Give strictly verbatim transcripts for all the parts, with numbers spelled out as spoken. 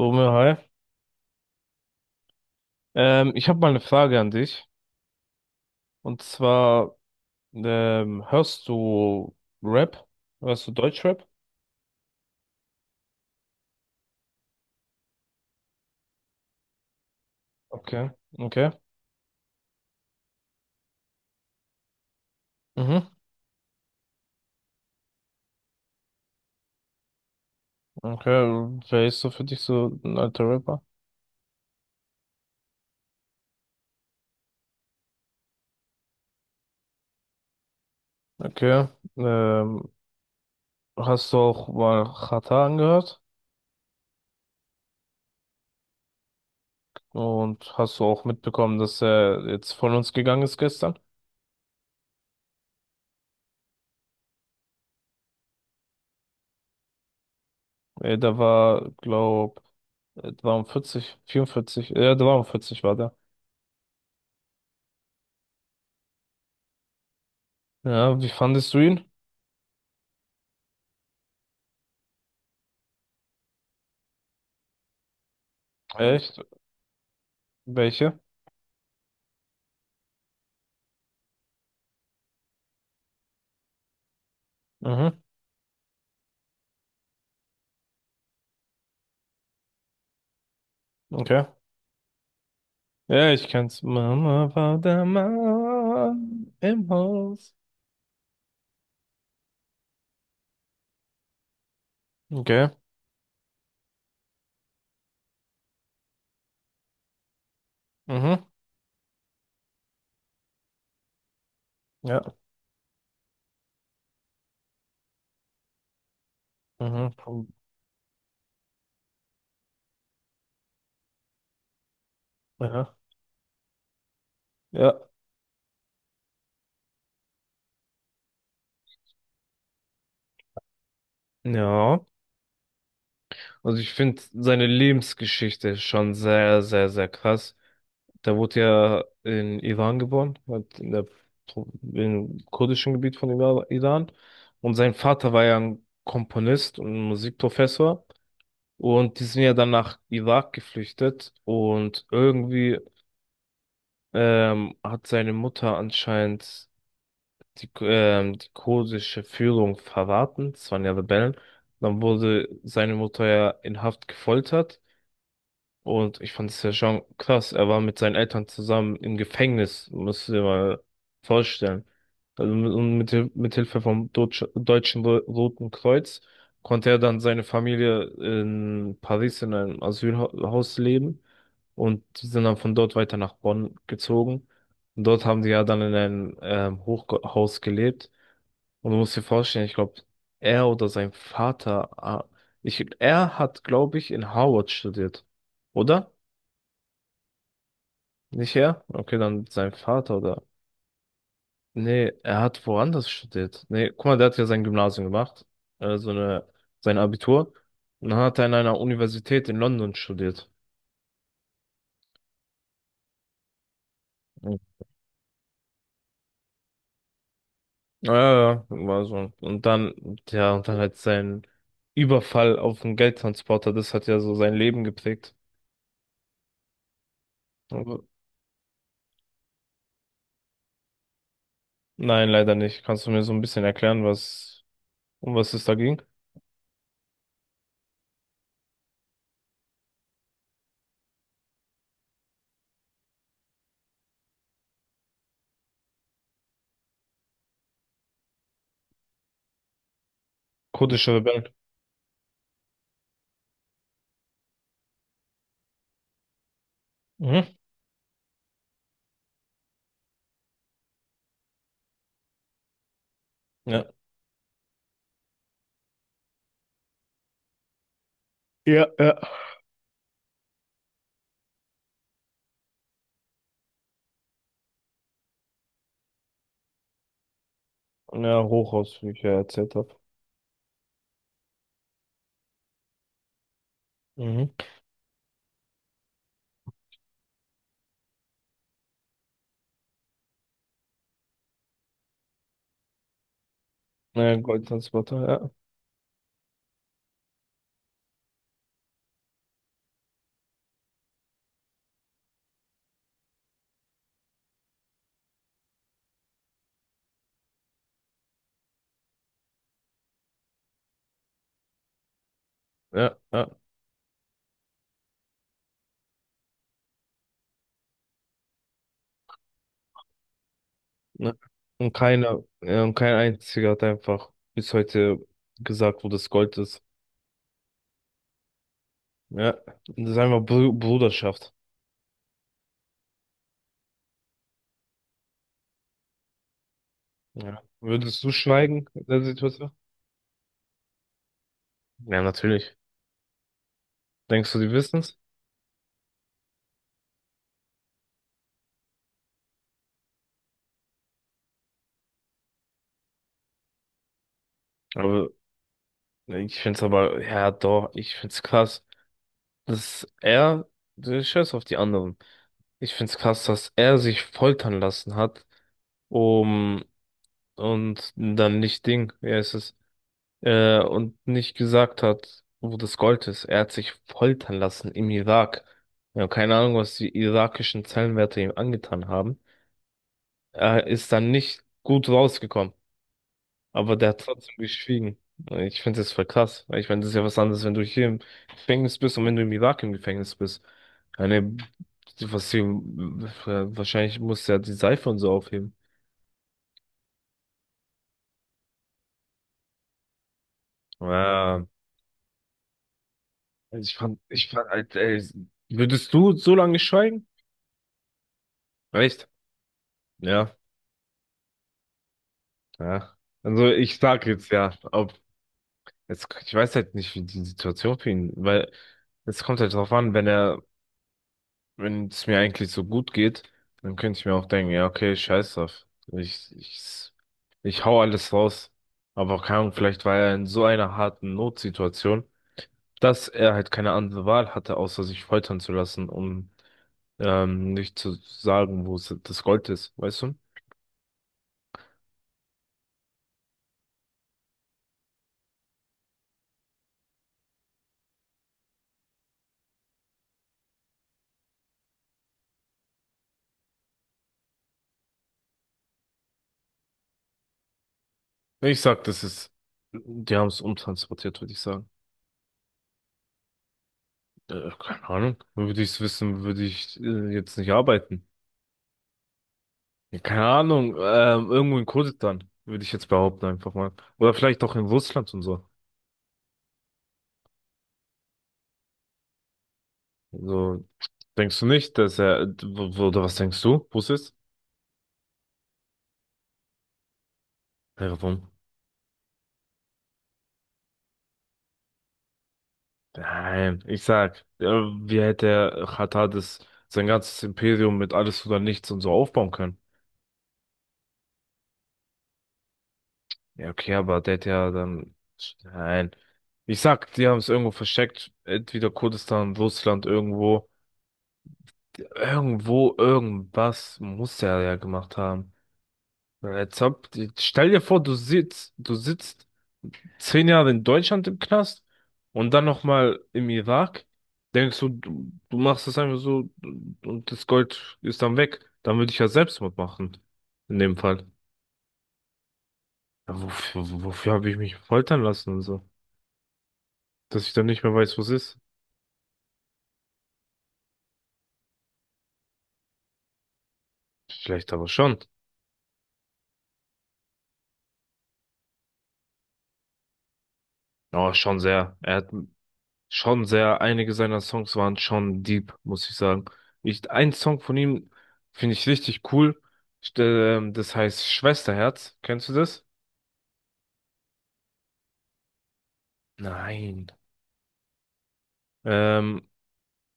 Romeo, hi. Ähm, ich habe mal eine Frage an dich. Und zwar, ähm, hörst du Rap? Hörst du Deutschrap? Okay, okay. Mhm. Okay, wer ist so für dich so ein alter Rapper? Okay. Ähm, hast du auch mal Xatar angehört? Und hast du auch mitbekommen, dass er jetzt von uns gegangen ist gestern? Äh, der war, glaub, äh, dreiundvierzig, vierundvierzig, äh, dreiundvierzig war der. Ja, wie fandest du ihn? Echt? Welche? Mhm. Okay. Ja, ich kenn's. Mama war der Mann im Haus. Okay. Mhm. Ja. Mhm. Ja. Ja. Ja. Also ich finde seine Lebensgeschichte schon sehr, sehr, sehr krass. Der wurde ja in Iran geboren, halt in der, Pro- im kurdischen Gebiet von Ira- Iran. Und sein Vater war ja ein Komponist und Musikprofessor. Und die sind ja dann nach Irak geflüchtet, und irgendwie ähm, hat seine Mutter anscheinend die, ähm, die kurdische Führung verraten. Es waren ja Rebellen. Dann wurde seine Mutter ja in Haft gefoltert. Und ich fand es ja schon krass. Er war mit seinen Eltern zusammen im Gefängnis, musst du dir mal vorstellen. Also mit, und mit, Hil- mit Hilfe vom Deutsch, Deutschen Ro- Roten Kreuz konnte er dann seine Familie in Paris in einem Asylhaus leben. Und die sind dann von dort weiter nach Bonn gezogen. Und dort haben die ja dann in einem ähm, Hochhaus gelebt. Und du musst dir vorstellen, ich glaube, er oder sein Vater, ah, ich, er hat, glaube ich, in Harvard studiert, oder? Nicht er? Okay, dann sein Vater oder. Nee, er hat woanders studiert. Nee, guck mal, der hat ja sein Gymnasium gemacht. Äh, so eine, Sein Abitur. Und dann hat er an einer Universität in London studiert. Mhm. Ja, ja, ja, war so. Und dann, ja, und dann halt sein Überfall auf den Geldtransporter, das hat ja so sein Leben geprägt. Aber nein, leider nicht. Kannst du mir so ein bisschen erklären, was, um was es da ging? Kurdische Rebellen. Mhm. Ja. Ja, ja. Ja, Hochausflüge erzählt habe. Mhm. Ja, Goldtransporter, ja. Ja, ja, ja. Und keiner, ja, und kein einziger hat einfach bis heute gesagt, wo das Gold ist. Ja, das ist einfach Br Bruderschaft. Ja. Würdest du schweigen in der Situation? Ja, natürlich. Denkst du, die wissen es? Aber ich find's aber, ja, doch, ich find's krass, dass er, der Scheiß auf die anderen. Ich find's krass, dass er sich foltern lassen hat, um, und dann nicht Ding, ja, es äh, und nicht gesagt hat, wo das Gold ist. Er hat sich foltern lassen im Irak. Ja, keine Ahnung, was die irakischen Zellenwärter ihm angetan haben. Er ist dann nicht gut rausgekommen, aber der hat trotzdem geschwiegen. Ich finde das voll krass, weil, ich meine, das ist ja was anderes, wenn du hier im Gefängnis bist und wenn du im Irak im Gefängnis bist. Eine, Was hier, wahrscheinlich muss ja die Seife und so aufheben. Ja, also ich fand, ich fand, halt, ey, würdest du so lange schweigen? Echt? Ja. Ja. Also ich sag jetzt ja, ob jetzt, ich weiß halt nicht, wie die Situation für ihn, weil es kommt halt drauf an, wenn er, wenn es mir eigentlich so gut geht, dann könnte ich mir auch denken, ja, okay, scheiß drauf. Ich, ich, ich hau alles raus. Aber keine Ahnung, vielleicht war er in so einer harten Notsituation, dass er halt keine andere Wahl hatte, außer sich foltern zu lassen, um ähm, nicht zu sagen, wo es- das Gold ist, weißt du? Ich sag, das ist, die haben es umtransportiert, würde ich sagen. Äh, keine Ahnung. Würde ich es wissen, würde ich äh, jetzt nicht arbeiten. Ja, keine Ahnung. Ähm, irgendwo in Kurdistan, würde ich jetzt behaupten, einfach mal. Oder vielleicht auch in Russland und so. So, denkst du nicht, dass er, w- oder was denkst du, wo es ist? Ja, warum? Nein, ich sag, äh, wie hätte er Katar das, sein ganzes Imperium mit alles oder nichts und so aufbauen können? Ja, okay, aber der hätte ja dann, nein. Ich sag, die haben es irgendwo versteckt, entweder Kurdistan, Russland irgendwo. Irgendwo, irgendwas muss er ja gemacht haben. Jetzt hab, Stell dir vor, du sitzt, du sitzt zehn Jahre in Deutschland im Knast und dann nochmal im Irak. Denkst du, du, du machst das einfach so und das Gold ist dann weg. Dann würde ich ja Selbstmord machen. In dem Fall. Ja, wofür, wofür habe ich mich foltern lassen und so? Dass ich dann nicht mehr weiß, was ist. Vielleicht aber schon. Aber schon sehr. Er hat, Schon sehr, einige seiner Songs waren schon deep, muss ich sagen. Ich, ein Song von ihm finde ich richtig cool. St- ähm, Das heißt Schwesterherz. Kennst du das? Nein. Ähm,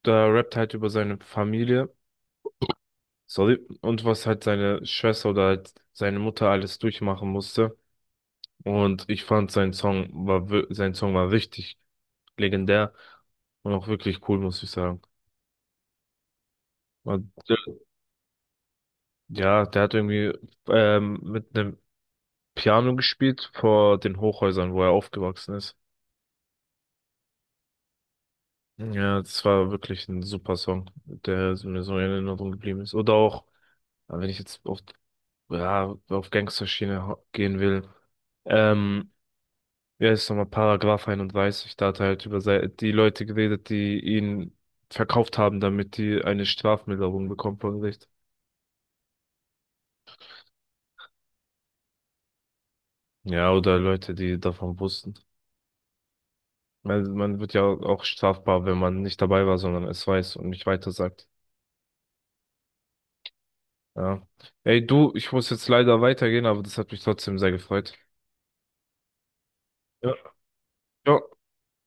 da rappt halt über seine Familie. Sorry. Und was halt seine Schwester oder halt seine Mutter alles durchmachen musste. Und ich fand sein Song war, wir- sein Song war richtig legendär und auch wirklich cool, muss ich sagen. Und, äh, ja, der hat irgendwie ähm, mit einem Piano gespielt vor den Hochhäusern, wo er aufgewachsen ist. Ja, das war wirklich ein super Song, der so- mir so in Erinnerung geblieben ist. Oder auch, äh, wenn ich jetzt auf, ja, auf Gangsterschiene hau- gehen will, ähm, ja, ist nochmal Paragraph einunddreißig, da hat er halt über sei- die Leute geredet, die ihn verkauft haben, damit die eine Strafmilderung bekommen vom Gericht. Ja, oder Leute, die davon wussten. Weil man wird ja auch strafbar, wenn man nicht dabei war, sondern es weiß und nicht weitersagt. Ja. Ey, du, ich muss jetzt leider weitergehen, aber das hat mich trotzdem sehr gefreut. Ja. Ja.